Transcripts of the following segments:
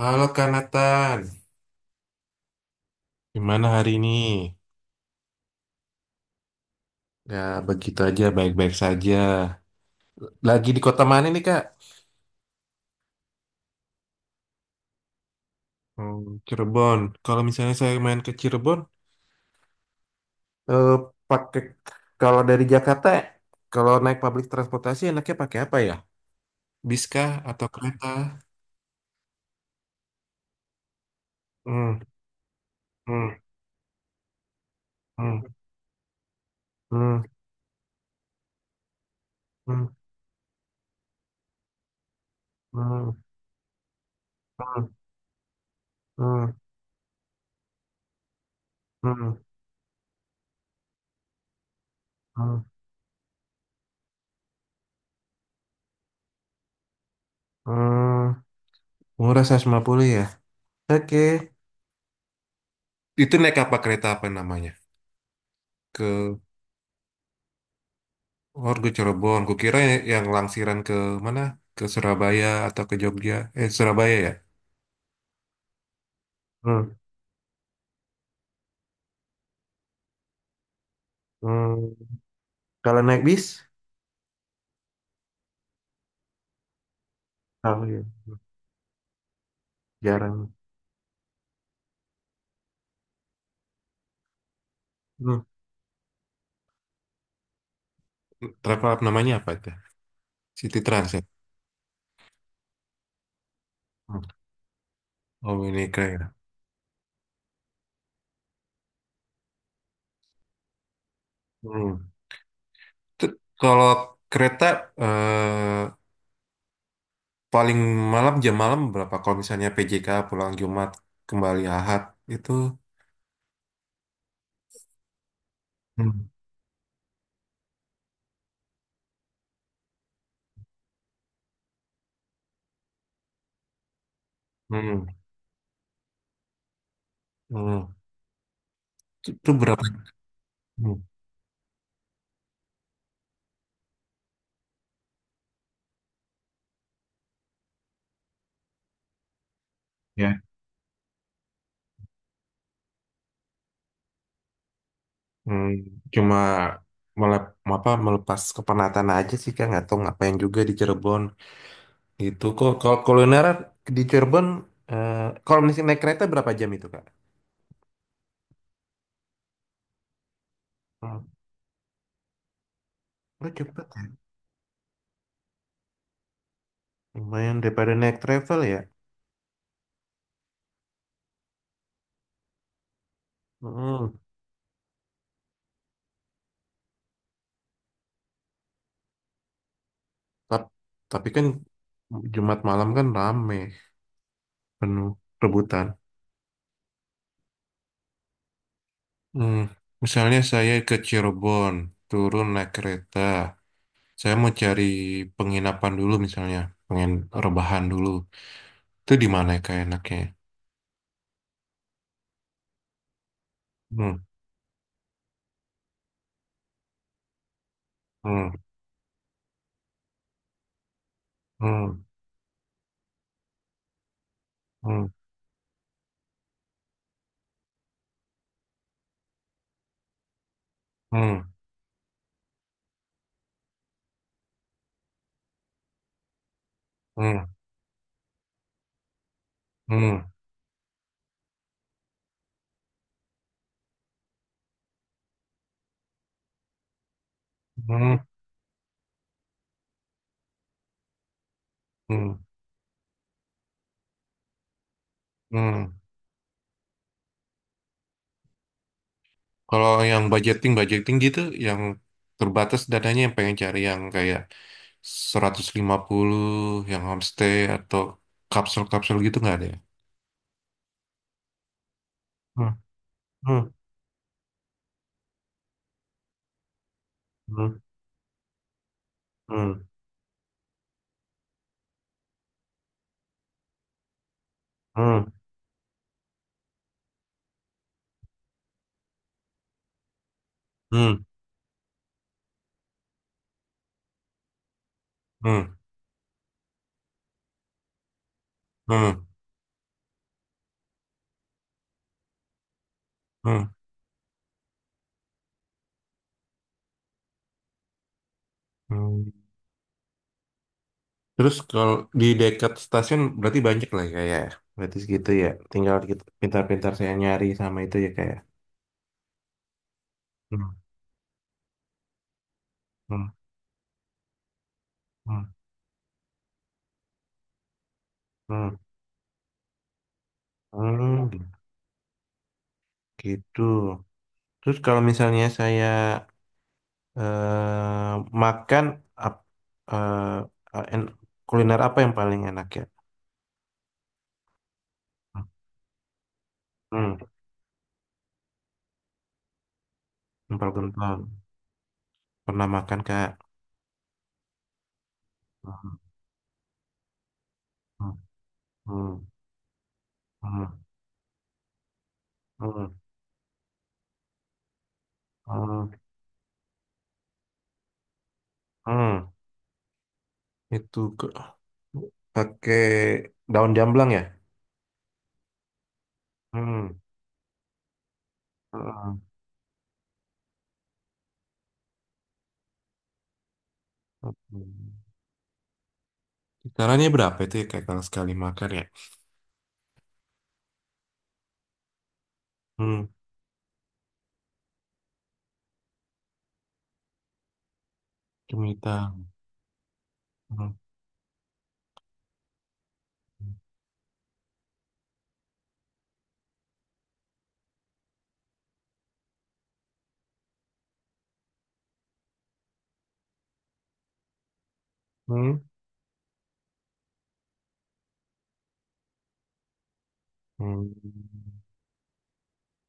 Halo Kak Nathan, gimana hari ini? Ya begitu aja, baik-baik saja. Lagi di kota mana nih Kak? Hmm, Cirebon. Kalau misalnya saya main ke Cirebon, eh, pakai kalau dari Jakarta, kalau naik public transportasi enaknya pakai apa ya? Bis kah atau kereta? Hmm. Hmm. Hmm. Hmm. Hmm. Murah 150 ya? Oke. Itu naik apa kereta apa namanya? Ke Warga Cirebon, kukira yang langsiran ke mana? Ke Surabaya atau ke Jogja? Surabaya ya? Hmm. Hmm. Kalau naik bis jarang. Hmm. Travel app namanya apa itu? City Trans ya. Oh, ini keren. Hmm. Kalau kereta eh, paling malam jam malam berapa? Kalau misalnya PJK pulang Jumat kembali Ahad itu, hmm, hmm. Itu berapa? Ya. Hmm, cuma melep, apa melepas kepenatan aja sih kak, nggak tahu ngapain juga di Cirebon itu, kok. Kalau kuliner di Cirebon, eh, kalau misalnya naik kereta berapa jam itu kak? Lu cepet ya? Lumayan daripada naik travel ya. Hmm. Tap- Tapi kan Jumat malam kan rame penuh rebutan. Hmm. Misalnya saya ke Cirebon turun naik kereta, saya mau cari penginapan dulu misalnya, pengen rebahan dulu. Itu di mana ya kayak enaknya, ya? Hmm. Hmm. Hmm. Hmm. Hmm. Hmm. Hmm. Hmm. Kalau yang budgeting budgeting gitu yang terbatas dananya yang pengen cari yang kayak 150, yang homestay atau kapsul-kapsul gitu nggak ada ya? Hmm. Hmm. Hmm. Hmm. Hmm. Hmm. Hmm. Hmm. Terus kalau di dekat stasiun berarti banyak lah ya kayak ya. Berarti segitu ya, tinggal kita pintar-pintar saya nyari sama itu ya kayak hmm, gitu. Terus kalau misalnya saya eh, makan ap- eh, eh, en- kuliner apa yang paling enak ya? Hmm, empal gentong. Pernah makan Kak? Hmm. Hmm, itu pakai daun jamblang ya? Kisarannya berapa itu ya Kak kalau sekali makan ya? Hmm, cumi hitam. Hmm. Hmm.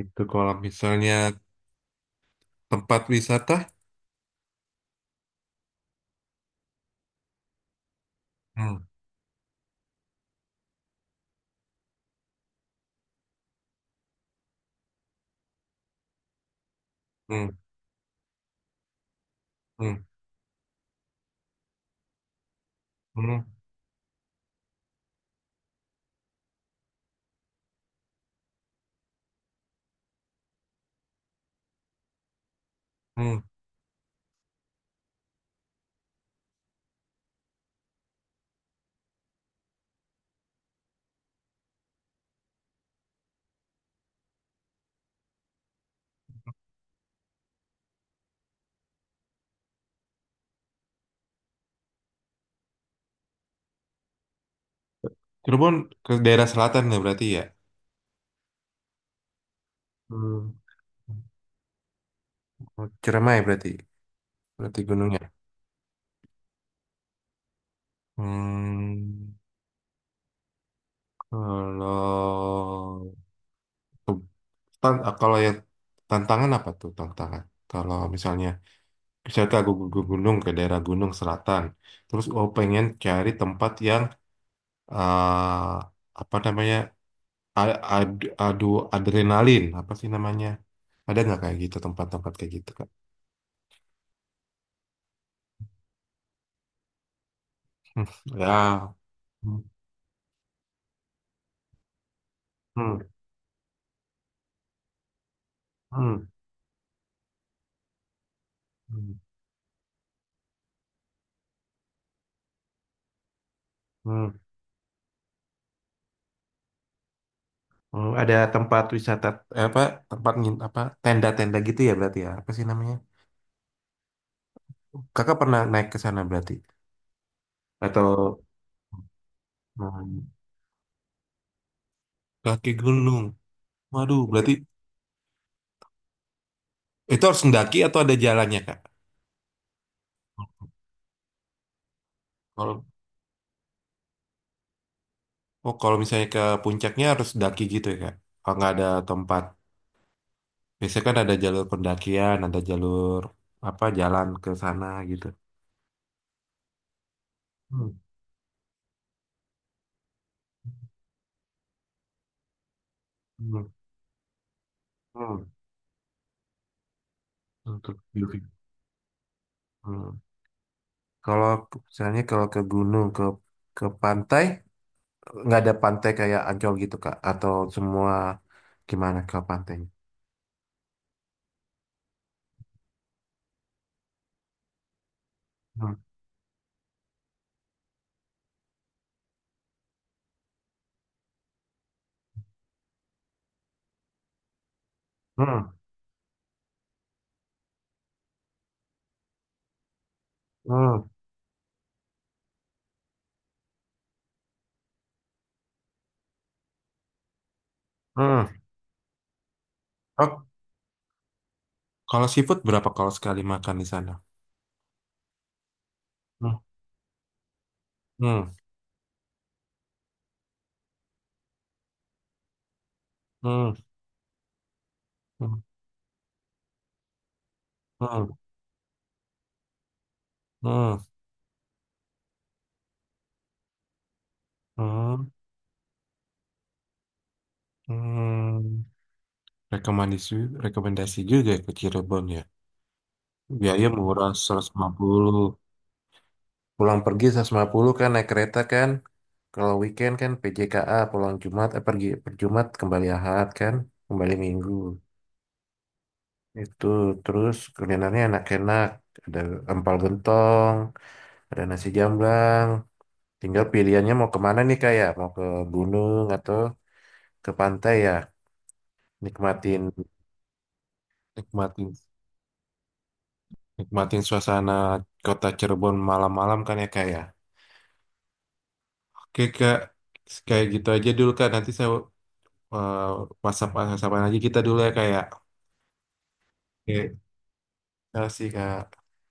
Itu kalau misalnya tempat wisata? Hmm. Hmm. Cirebon ke daerah selatan ya berarti ya? Hmm. Ciremai berarti. Berarti gunungnya. Hmm, kalau kalau ya tantangan apa tuh tantangan? Kalau misalnya misalnya aku ke gunung ke daerah gunung selatan, terus oh pengen cari tempat yang ah, apa namanya a- ad, adu adrenalin apa sih namanya? Ada nggak kayak gitu tempat-tempat kayak gitu kan? Ya. Hmm. Hmm. Hmm. Ada tempat wisata apa tempat apa tenda-tenda gitu ya berarti ya apa sih namanya? Kakak pernah naik ke sana berarti? Atau hmm, kaki gunung? Waduh, berarti itu harus mendaki atau ada jalannya, Kak? Kalau oh, kalau misalnya ke puncaknya harus daki gitu ya, Kak? Kalau nggak ada tempat. Biasanya kan ada jalur pendakian, ada jalur apa jalan ke sana gitu. Hmm. Untuk view. Kalau misalnya kalau ke gunung ke pantai, nggak ada pantai kayak Ancol gitu Kak atau semua gimana ke pantainya? Hmm. Hmm. Oh, kalau seafood berapa kalau sekali makan di sana? Hmm. Hmm. Hmm. Hmm. Hmm. Rekomendasi, rekomendasi juga ya ke Cirebon ya. Biaya murah 150. Pulang pergi 150 kan naik kereta kan. Kalau weekend kan PJKA pulang Jumat, eh pergi per Jumat kembali Ahad kan, kembali Minggu. Itu terus kulinernya enak-enak. Ada empal gentong, ada nasi jamblang. Tinggal pilihannya mau kemana nih, kayak mau ke gunung atau ke pantai ya. Nikmatin, nikmatin, nikmatin suasana kota Cirebon malam-malam kan ya Kak ya. Oke Kak, kayak gitu aja dulu Kak, nanti saya eh, WhatsApp WhatsAppan aja kita dulu ya Kak ya. Oke, terima kasih Kak.